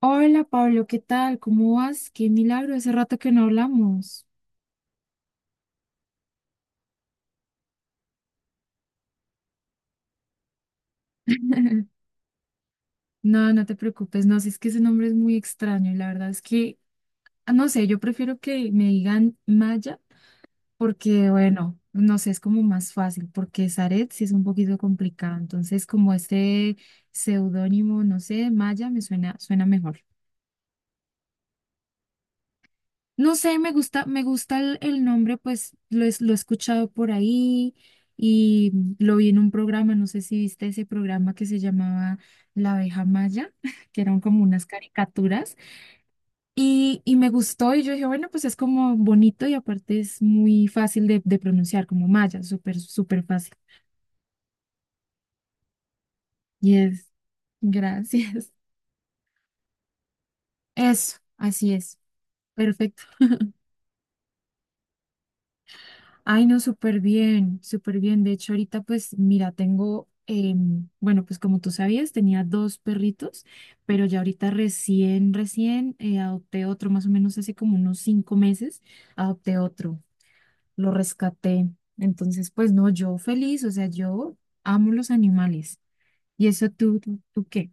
Hola Pablo, ¿qué tal? ¿Cómo vas? Qué milagro, hace rato que no hablamos. No, no te preocupes, no, si es que ese nombre es muy extraño y la verdad es que, no sé, yo prefiero que me digan Maya porque, bueno, no sé, es como más fácil porque Zaret sí es un poquito complicado, entonces como este seudónimo, no sé, Maya me suena, suena mejor. No sé, me gusta el nombre, pues lo he escuchado por ahí y lo vi en un programa, no sé si viste ese programa que se llamaba La abeja Maya, que eran como unas caricaturas y me gustó y yo dije, bueno, pues es como bonito y aparte es muy fácil de pronunciar, como Maya, súper, súper fácil. Yes, gracias. Eso, así es. Perfecto. Ay, no, súper bien, súper bien. De hecho, ahorita pues mira, tengo, bueno, pues como tú sabías, tenía dos perritos, pero ya ahorita recién, recién adopté otro, más o menos hace como unos 5 meses, adopté otro, lo rescaté. Entonces, pues no, yo feliz, o sea, yo amo los animales. ¿Y eso tú qué?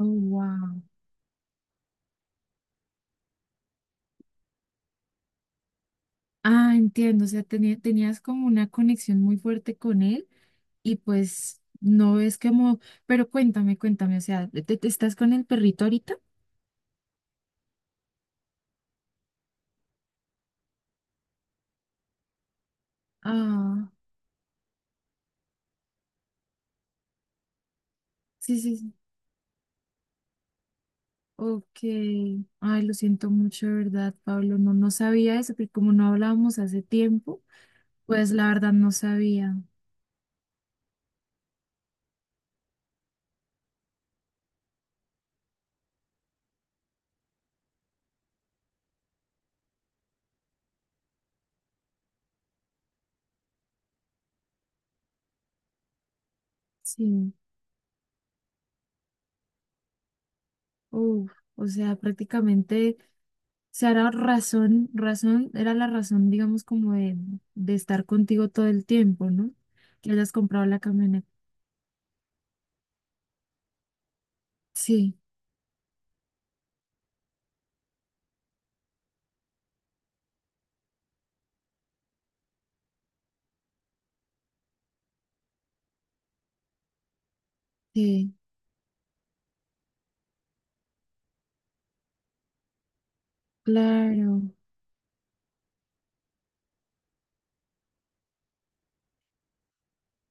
Oh, wow. Ah, entiendo, o sea, tenías como una conexión muy fuerte con él y pues no es como, pero cuéntame, cuéntame, o sea, estás con el perrito ahorita? Ah, sí, sí, sí. Ok. Ay, lo siento mucho, de verdad, Pablo. No, no sabía eso, porque como no hablábamos hace tiempo, pues la verdad no sabía. Sí. Uf, o sea, prácticamente, o sea, era era la razón, digamos, como de estar contigo todo el tiempo, ¿no? Que hayas comprado la camioneta. Sí, sí, claro.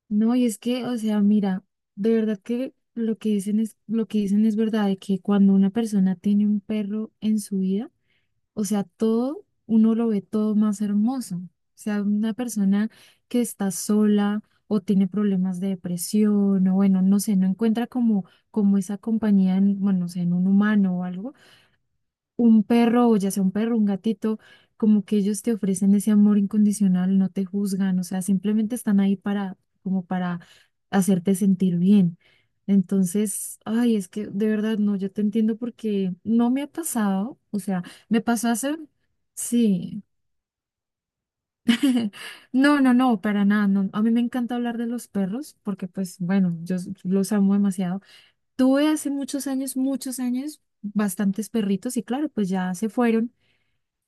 No, y es que, o sea, mira, de verdad que lo que dicen es verdad, de que cuando una persona tiene un perro en su vida, o sea, todo, uno lo ve todo más hermoso. O sea, una persona que está sola o tiene problemas de depresión, o bueno, no sé, no encuentra como, como esa compañía en, bueno, no sé, en un humano o algo un perro, o ya sea un perro, un gatito, como que ellos te ofrecen ese amor incondicional, no te juzgan, o sea, simplemente están ahí para, como para hacerte sentir bien. Entonces, ay, es que de verdad no, yo te entiendo porque no me ha pasado, o sea, me pasó hace, sí. No, no, no, para nada. No. A mí me encanta hablar de los perros porque, pues, bueno, los amo demasiado. Tuve hace muchos años, bastantes perritos y claro, pues ya se fueron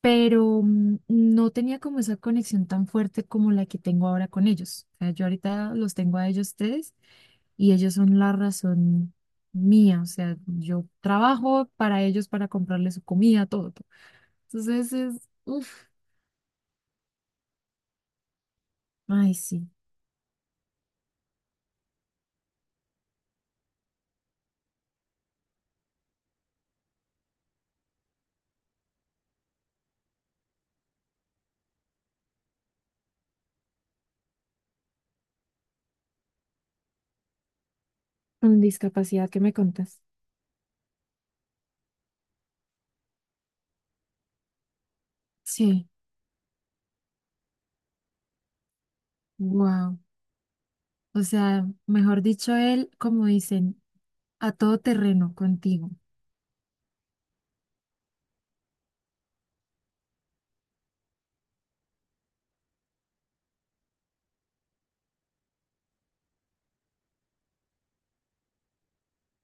pero no tenía como esa conexión tan fuerte como la que tengo ahora con ellos. O sea, yo ahorita los tengo a ellos tres y ellos son la razón mía. O sea, yo trabajo para ellos, para comprarles su comida, todo. Entonces es, uff, ay, sí. Con discapacidad. ¿Qué me contas? Sí, wow. O sea, mejor dicho, él, como dicen, a todo terreno contigo.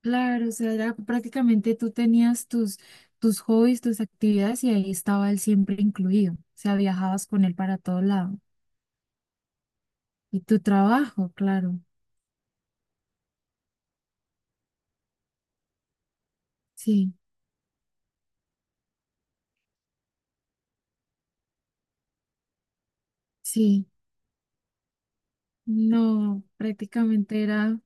Claro, o sea, era prácticamente tú tenías tus, tus hobbies, tus actividades y ahí estaba él siempre incluido. O sea, viajabas con él para todo lado. Y tu trabajo, claro. Sí, sí. No, prácticamente era.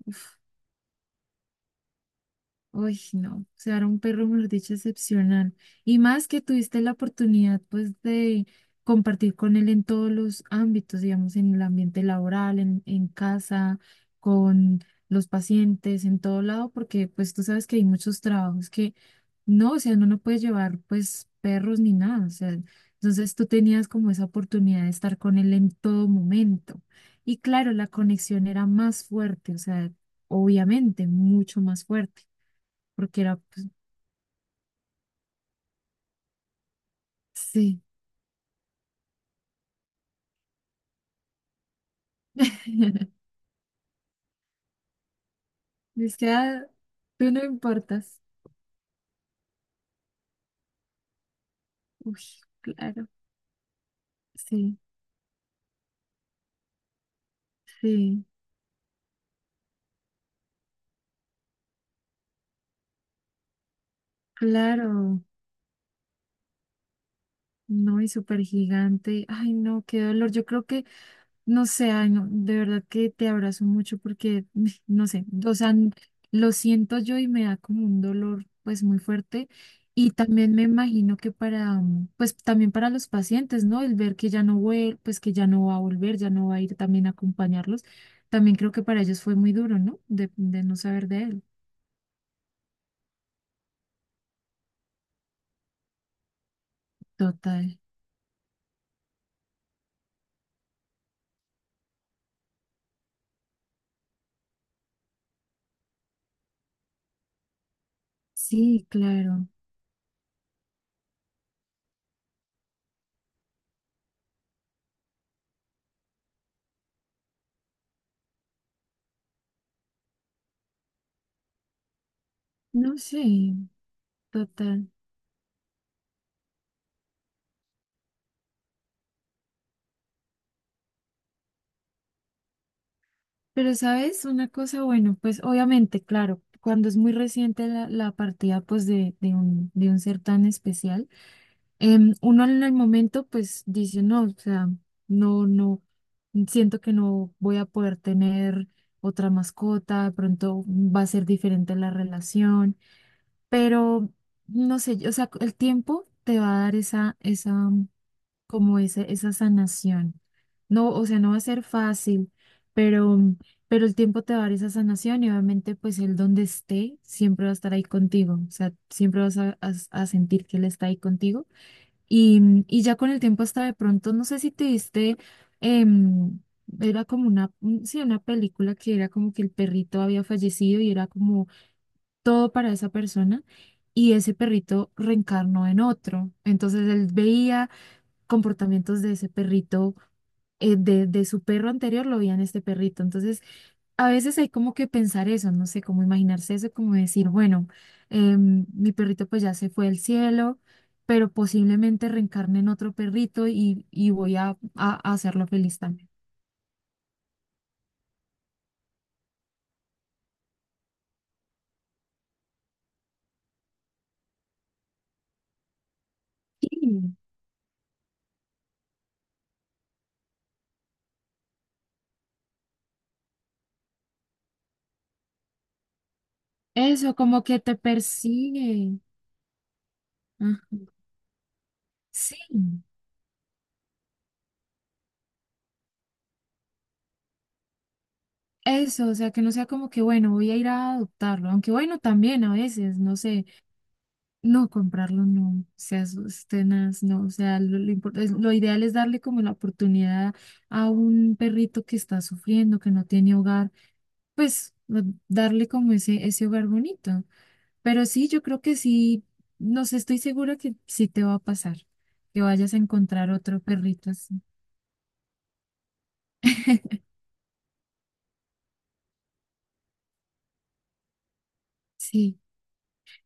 Uy, no, o sea, era un perro, mejor dicho, excepcional. Y más que tuviste la oportunidad, pues, de compartir con él en todos los ámbitos, digamos, en el ambiente laboral, en casa, con los pacientes, en todo lado, porque, pues, tú sabes que hay muchos trabajos que no, o sea, no puedes llevar, pues, perros ni nada, o sea, entonces tú tenías como esa oportunidad de estar con él en todo momento. Y claro, la conexión era más fuerte, o sea, obviamente, mucho más fuerte porque era, pues, sí. Dice que, "Ah, tú no importas." Uy, claro, sí, sí, claro. No, y súper gigante. Ay, no, qué dolor. Yo creo que no sé, ay, no, de verdad que te abrazo mucho porque, no sé, o sea, lo siento yo y me da como un dolor pues muy fuerte y también me imagino que para, pues también para los pacientes, ¿no? El ver que ya no pues que ya no va a volver, ya no va a ir también a acompañarlos, también creo que para ellos fue muy duro, ¿no? De no saber de él. Total. Sí, claro. No sé, total. Pero, ¿sabes? Una cosa, bueno, pues obviamente, claro, cuando es muy reciente la, la partida pues de un, de un ser tan especial, em, uno en el momento pues dice, no, o sea, no, no, siento que no voy a poder tener otra mascota, de pronto va a ser diferente la relación, pero no sé, o sea, el tiempo te va a dar esa, esa como esa sanación. No, o sea, no va a ser fácil, pero, pero el tiempo te va a dar esa sanación y obviamente pues él donde esté siempre va a estar ahí contigo, o sea, siempre vas a, a sentir que él está ahí contigo. Y, y ya con el tiempo hasta de pronto, no sé si te diste, em, era como una, sí, una película que era como que el perrito había fallecido y era como todo para esa persona. Y ese perrito reencarnó en otro. Entonces él veía comportamientos de ese perrito, de su perro anterior lo veía en este perrito. Entonces, a veces hay como que pensar eso, no sé, cómo imaginarse eso, como decir, bueno, em, mi perrito pues ya se fue al cielo, pero posiblemente reencarne en otro perrito y voy a, a hacerlo feliz también. Sí, eso, como que te persigue. Ajá. Sí, eso, o sea, que no sea como que, bueno, voy a ir a adoptarlo, aunque bueno, también a veces, no sé. No, comprarlo no, seas tenaz, no, o sea, lo ideal es darle como la oportunidad a un perrito que está sufriendo, que no tiene hogar, pues lo- darle como ese hogar bonito. Pero sí, yo creo que sí, no sé, estoy segura que sí te va a pasar, que vayas a encontrar otro perrito así. Sí.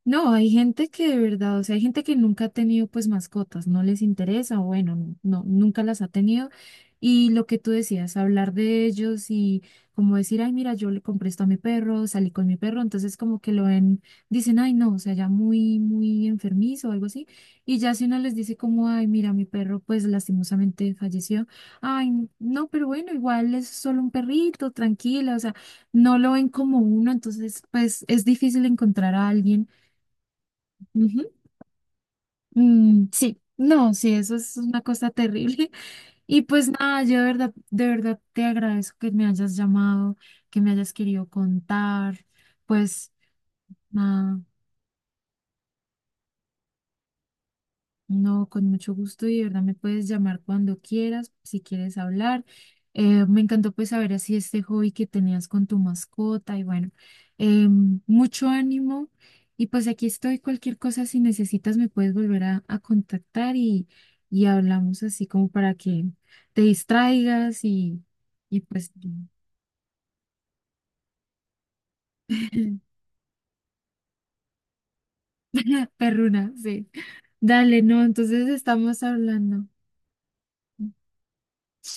No, hay gente que de verdad, o sea, hay gente que nunca ha tenido pues mascotas, no les interesa, o bueno, no, no, nunca las ha tenido. Y lo que tú decías, hablar de ellos y como decir, ay, mira, yo le compré esto a mi perro, salí con mi perro, entonces como que lo ven, dicen, ay, no, o sea, ya muy, muy enfermizo o algo así. Y ya si uno les dice como, ay, mira, mi perro pues lastimosamente falleció, ay, no, pero bueno, igual es solo un perrito, tranquila, o sea, no lo ven como uno, entonces pues es difícil encontrar a alguien. Ujú. Mm, sí, no, sí, eso es una cosa terrible. Y pues nada, yo de verdad te agradezco que me hayas llamado, que me hayas querido contar. Pues nada, no, con mucho gusto y de verdad me puedes llamar cuando quieras, si quieres hablar. Me encantó pues saber así este hobby que tenías con tu mascota y bueno, em, mucho ánimo y pues aquí estoy, cualquier cosa si necesitas me puedes volver a contactar y hablamos así como para que te distraigas y pues perruna, sí. Dale, no, entonces estamos hablando. Chao.